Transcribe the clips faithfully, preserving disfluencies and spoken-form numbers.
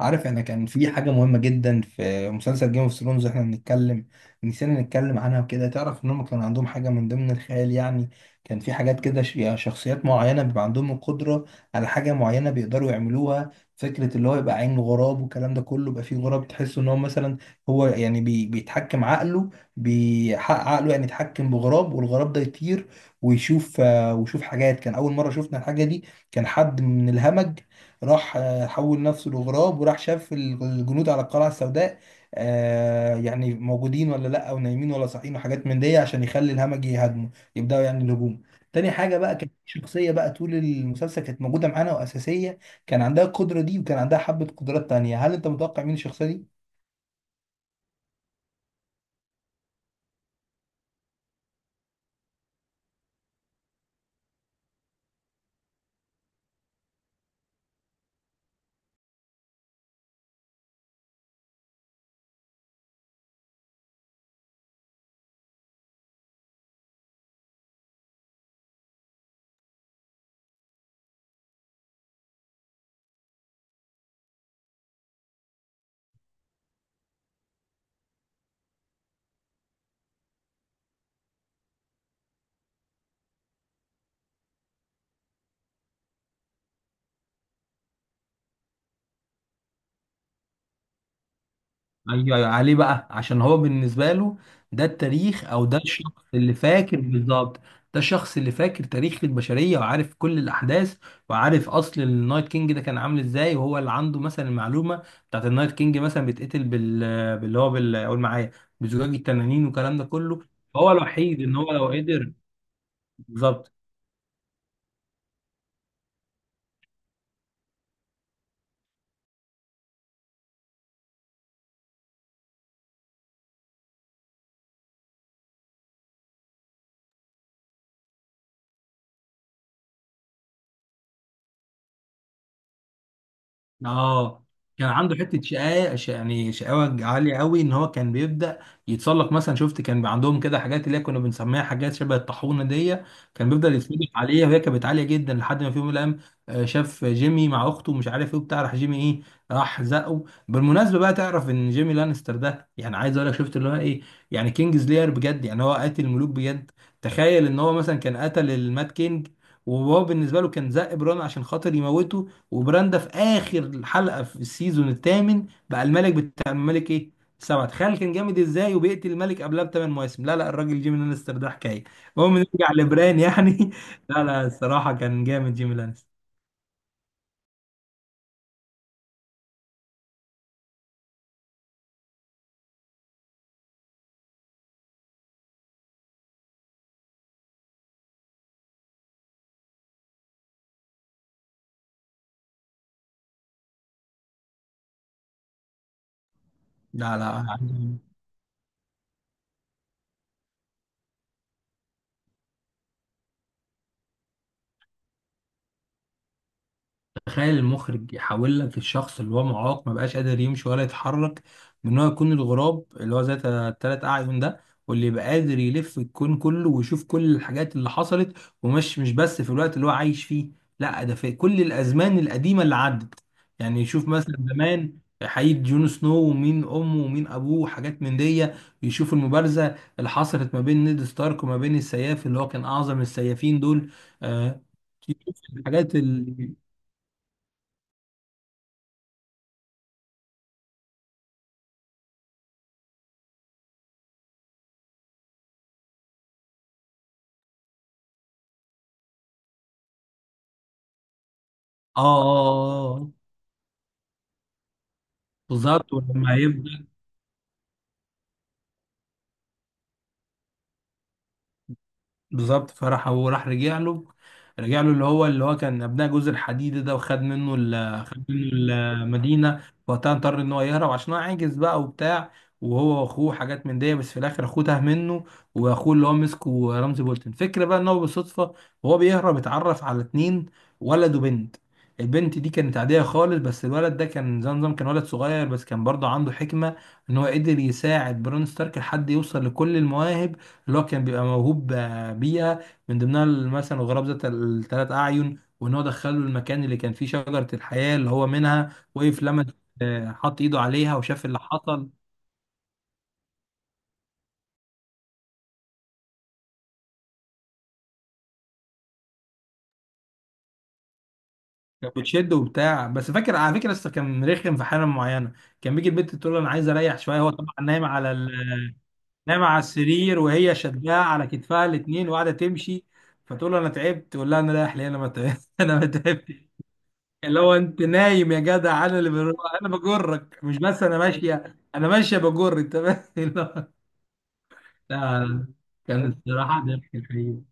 عارف، انا كان في حاجة مهمة جدا في مسلسل جيم اوف ثرونز احنا بنتكلم، نسينا نتكلم عنها وكده. تعرف ان هم كان عندهم حاجة من ضمن الخيال، يعني كان في حاجات كده ش- يعني شخصيات معينة بيبقى عندهم القدرة على حاجة معينة بيقدروا يعملوها. فكرة اللي هو يبقى عين غراب والكلام ده كله، يبقى فيه غراب تحس ان هو مثلا هو يعني بي بيتحكم عقله، بيحقق عقله يعني يتحكم بغراب والغراب ده يطير ويشوف آه، ويشوف حاجات. كان اول مرة شفنا الحاجة دي، كان حد من الهمج راح آه، حول نفسه لغراب، وراح شاف ال- الجنود على القلعة السوداء آه، يعني موجودين ولا لا او نايمين ولا صاحيين وحاجات من دي، عشان يخلي الهمج يهاجمه، يبداوا يعني الهجوم. تاني حاجة بقى، كانت في شخصية بقى طول المسلسل كانت موجودة معانا وأساسية، كان عندها القدرة دي وكان عندها حبة قدرات تانية. هل أنت متوقع مين الشخصية دي؟ ايوه ايوه، عليه بقى، عشان هو بالنسبه له ده التاريخ، او ده الشخص اللي فاكر بالظبط. ده الشخص اللي فاكر تاريخ البشريه وعارف كل الاحداث، وعارف اصل النايت كينج ده كان عامل ازاي، وهو اللي عنده مثلا المعلومه بتاعت النايت كينج. مثلا بيتقتل بال باللي هو بال قول معايا، بزجاج التنانين والكلام ده كله. فهو الوحيد ان هو لو قدر. بالظبط، اه. كان عنده حته شقاوه، ش- يعني شقاوه عاليه قوي، ان هو كان بيبدا يتسلق مثلا. شفت كان بيبقى عندهم كده حاجات اللي هي كنا بنسميها حاجات شبه الطاحونه دي، كان بيفضل يتسلق عليها وهي كانت عاليه جدا، لحد ما في يوم من الايام آه، شاف جيمي مع اخته مش عارف ايه وبتاع، راح جيمي ايه؟ راح زقه. بالمناسبه بقى، تعرف ان جيمي لانستر ده، يعني عايز اقول لك شفت اللي هو ايه، يعني كينجز لير بجد، يعني هو قاتل الملوك بجد. تخيل ان هو مثلا كان قتل المات كينج، وهو بالنسبه له كان زق بران عشان خاطر يموته. وبراندا في اخر حلقه في السيزون الثامن بقى الملك، بتاع الملك ايه، سبعة. تخيل كان جامد ازاي، وبيقتل الملك قبلها بثمان مواسم. لا لا، الراجل جيمي لانستر ده حكايه. المهم نرجع لبران يعني لا لا، الصراحه كان جامد جيمي لانستر. لا لا، تخيل المخرج يحول لك الشخص اللي هو معاق، ما بقاش قادر يمشي ولا يتحرك، من هو يكون الغراب اللي هو ذات الثلاث اعين ده، واللي يبقى قادر يلف الكون كله ويشوف كل الحاجات اللي حصلت. ومش مش بس في الوقت اللي هو عايش فيه، لا ده في كل الازمان القديمه اللي عدت. يعني يشوف مثلا زمان حقيقة جون سنو، ومين امه ومين ابوه وحاجات من دي. يشوف المبارزه اللي حصلت ما بين نيد ستارك وما بين السياف اللي هو كان اعظم السيافين دول. آه، يشوف الحاجات اللي اه اه اه آه. بالظبط ولما يب... بالظبط، فراح هو راح رجع له. رجع له اللي هو اللي هو كان ابناء جوز الحديد ده، وخد منه ال خد منه المدينه وقتها اضطر ان هو يهرب عشان هو عاجز بقى وبتاع، وهو واخوه حاجات من دي. بس في الاخر اخوه تاه منه، واخوه اللي هو مسكه رمزي بولتن. فكرة بقى ان هو بالصدفه وهو بيهرب اتعرف على اتنين، ولد وبنت. البنت دي كانت عادية خالص، بس الولد ده كان زي نظام، كان ولد صغير بس كان برضه عنده حكمة، ان هو قدر يساعد برون ستارك لحد يوصل لكل المواهب اللي هو كان بيبقى موهوب بيئة. من ضمنها مثلا الغراب ذات الثلاث أعين، وإن هو دخله المكان اللي كان فيه شجرة الحياة اللي هو منها، وقف لما آه، حط إيده عليها وشاف اللي حصل. كانت بتشد وبتاع، بس فاكر على فكرة لسه كان رخم في حالة معينة، كان بيجي البنت تقول له أنا عايز أريح شوية، هو طبعا نايم على ال نايم على السرير وهي شداه على كتفها الاتنين وقاعدة تمشي. فتقول له أنا تعبت، تقول لها أنا رايح ليه؟ أنا ما تعبت أنا ما تعبتش. اللي هو انت نايم يا جدع، انا اللي بر... انا بجرك، مش بس انا ماشيه، انا ماشيه بجر، انت فاهم؟ لا لا، كان الصراحه ضحك الحقيقه.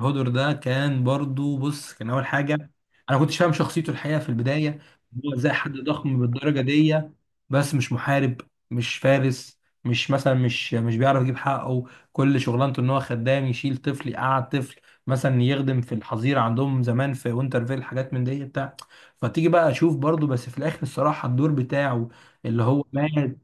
هودر ده كان برضو، بص، كان اول حاجه انا كنتش فاهم شخصيته الحقيقه في البدايه، إن هو ازاي حد ضخم بالدرجه دي بس مش محارب، مش فارس، مش مثلا مش مش بيعرف يجيب حقه، كل شغلانته ان هو خدام، يشيل طفل يقعد طفل، مثلا يخدم في الحظيره عندهم زمان في وينترفيل، حاجات من دي بتاع. فتيجي بقى اشوف برضو، بس في الاخر الصراحه الدور بتاعه اللي هو مات.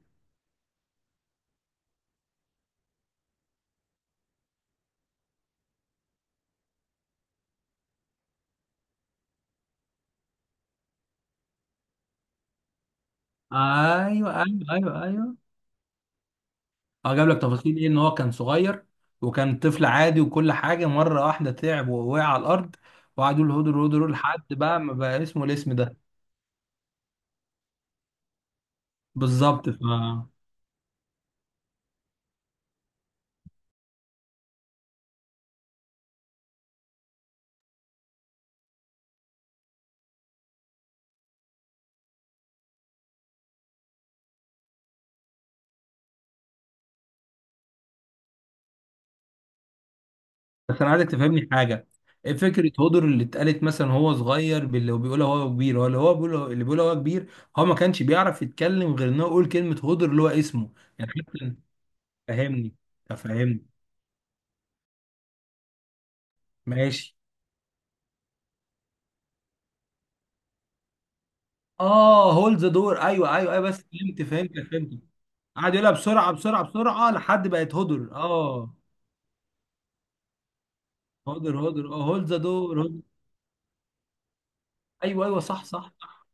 ايوه ايوه ايوه ايوه. اه، جاب لك تفاصيل ايه، ان هو كان صغير وكان طفل عادي، وكل حاجه مره واحده تعب ووقع على الارض، وقعدوا يقولوا هدر هدر هدر، لحد بقى ما بقى اسمه الاسم ده. بالظبط، ف بس انا عايزك تفهمني حاجه: ايه فكره هدر اللي اتقالت مثلا هو صغير، باللي هو بيقولها هو كبير، هو اللي هو بيقوله اللي بيقوله هو كبير، هو ما كانش بيعرف يتكلم غير انه يقول كلمه هدر اللي هو اسمه، يعني حتى. فهمني، فهمني. ماشي، اه، هولد ذا دور، ايوه ايوه ايوه، بس فهمت فهمت فهمت. قعد يقولها بسرعه بسرعه بسرعه لحد بقت هدر. اه، هدر هدر. اه، هولد ذا دور، هدر. ايوه ايوه، صح صح صح.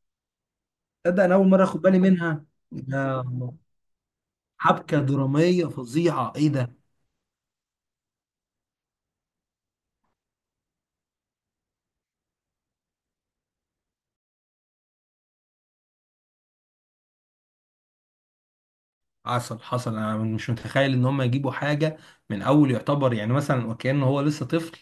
تصدق انا اول مره اخد بالي منها ده! حبكه دراميه فظيعه، ايه ده! حصل حصل، انا مش متخيل ان هم يجيبوا حاجه من اول يعتبر، يعني مثلا وكانه هو لسه طفل،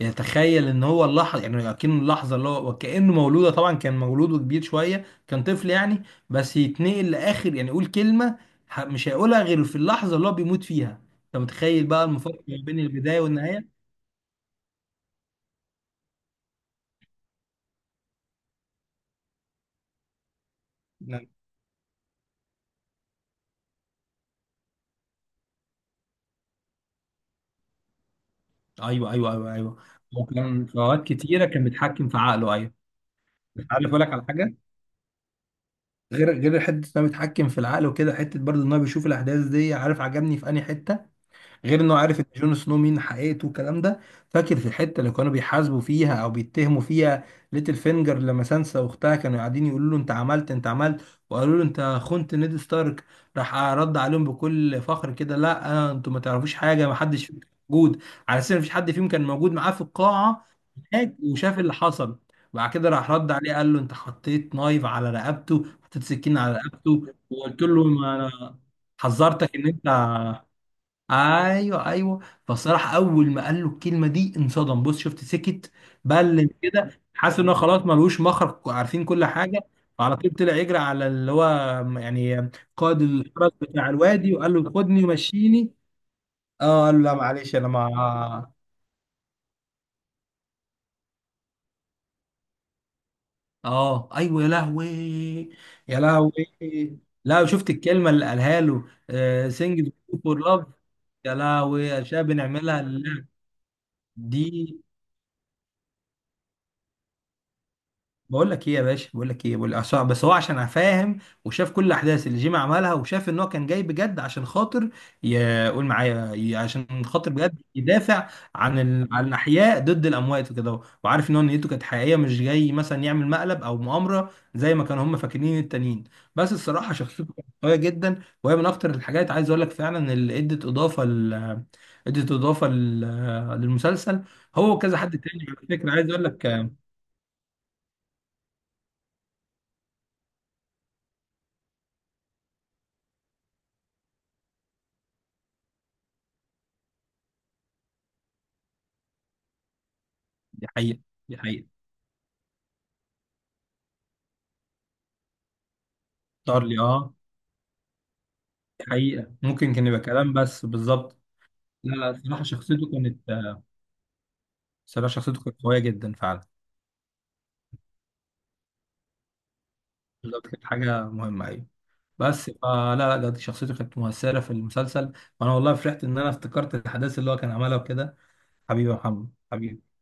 يتخيل ان هو اللحظه، يعني اكنه اللحظه اللي هو، وكانه مولوده، طبعا كان مولوده كبير شويه، كان طفل يعني، بس يتنقل لاخر، يعني يقول كلمه ه- مش هيقولها غير في اللحظه اللي هو بيموت فيها. انت متخيل بقى المفارقه ما بين البدايه والنهايه؟ نعم. ايوه ايوه ايوه ايوه، وكان في اوقات كتيره كان بيتحكم في عقله، ايوه. عارف اقول لك على حاجه؟ غير غير حته انه بيتحكم في العقل وكده، حته برضه ان هو بيشوف الاحداث دي. عارف عجبني في انهي حته؟ غير انه عارف ان جون سنو مين حقيقته والكلام ده، فاكر في الحته اللي كانوا بيحاسبوا فيها او بيتهموا فيها ليتل فينجر، لما سانسا واختها كانوا قاعدين يقولوا له: انت عملت، انت عملت، وقالوا له انت خنت نيد ستارك. راح رد عليهم بكل فخر كده: لا آه، انتوا ما تعرفوش حاجه، ما حدش فيكم موجود. على اساس ان مفيش حد فيهم كان موجود معاه في القاعه هناك وشاف اللي حصل. بعد كده راح رد عليه، قال له: انت حطيت نايف على رقبته، حطيت سكين على رقبته، وقلت له ما انا حذرتك ان انت. ايوه ايوه. فالصراحه اول ما قال له الكلمه دي انصدم، بص شفت سكت بلل كده، حاسس ان هو خلاص ملوش مخرج، عارفين كل حاجه. فعلى طول طلع يجري على اللي هو، يعني قائد الحرس بتاع الوادي، وقال له خدني ومشيني. اه، قال له لا معلش انا ما. اه، ايوه يا لهوي، يا لهوي. لا شفت الكلمه اللي قالها له؟ سينجز فور لاف. يا لهوي يا شباب، بنعملها لله. دي بقول لك ايه يا باشا، بقول لك ايه، بقول عشان بس هو عشان فاهم وشاف كل الاحداث اللي جيمي عملها، وشاف ان هو كان جاي بجد عشان خاطر ي- قول معايا ي- عشان خاطر بجد يدافع عن ال... عن الاحياء ضد الاموات وكده اهو. وعارف ان هو نيته كانت حقيقيه، مش جاي مثلا يعمل مقلب او مؤامره زي ما كانوا هم فاكرين التانيين. بس الصراحه شخصيته كانت قويه جدا، وهي من اكتر الحاجات عايز اقول لك فعلا اللي ادت اضافه ل... ادت اضافه ل... للمسلسل. هو كذا حد تاني على فكره، عايز اقول لك آه، دي حقيقه، دي حقيقة. اختار لي، اه. دي حقيقة ممكن كان يبقى كلام بس، بالظبط. لا لا، الصراحة شخصيته كانت الصراحة شخصيته كانت قوية جدا فعلا. بالظبط، كانت حاجة مهمة، أيوة. بس فلا لا لا، بجد شخصيته كانت مؤثرة في المسلسل. وأنا والله فرحت إن أنا افتكرت الأحداث اللي هو كان عملها وكده. حبيبي يا محمد، حبيبي.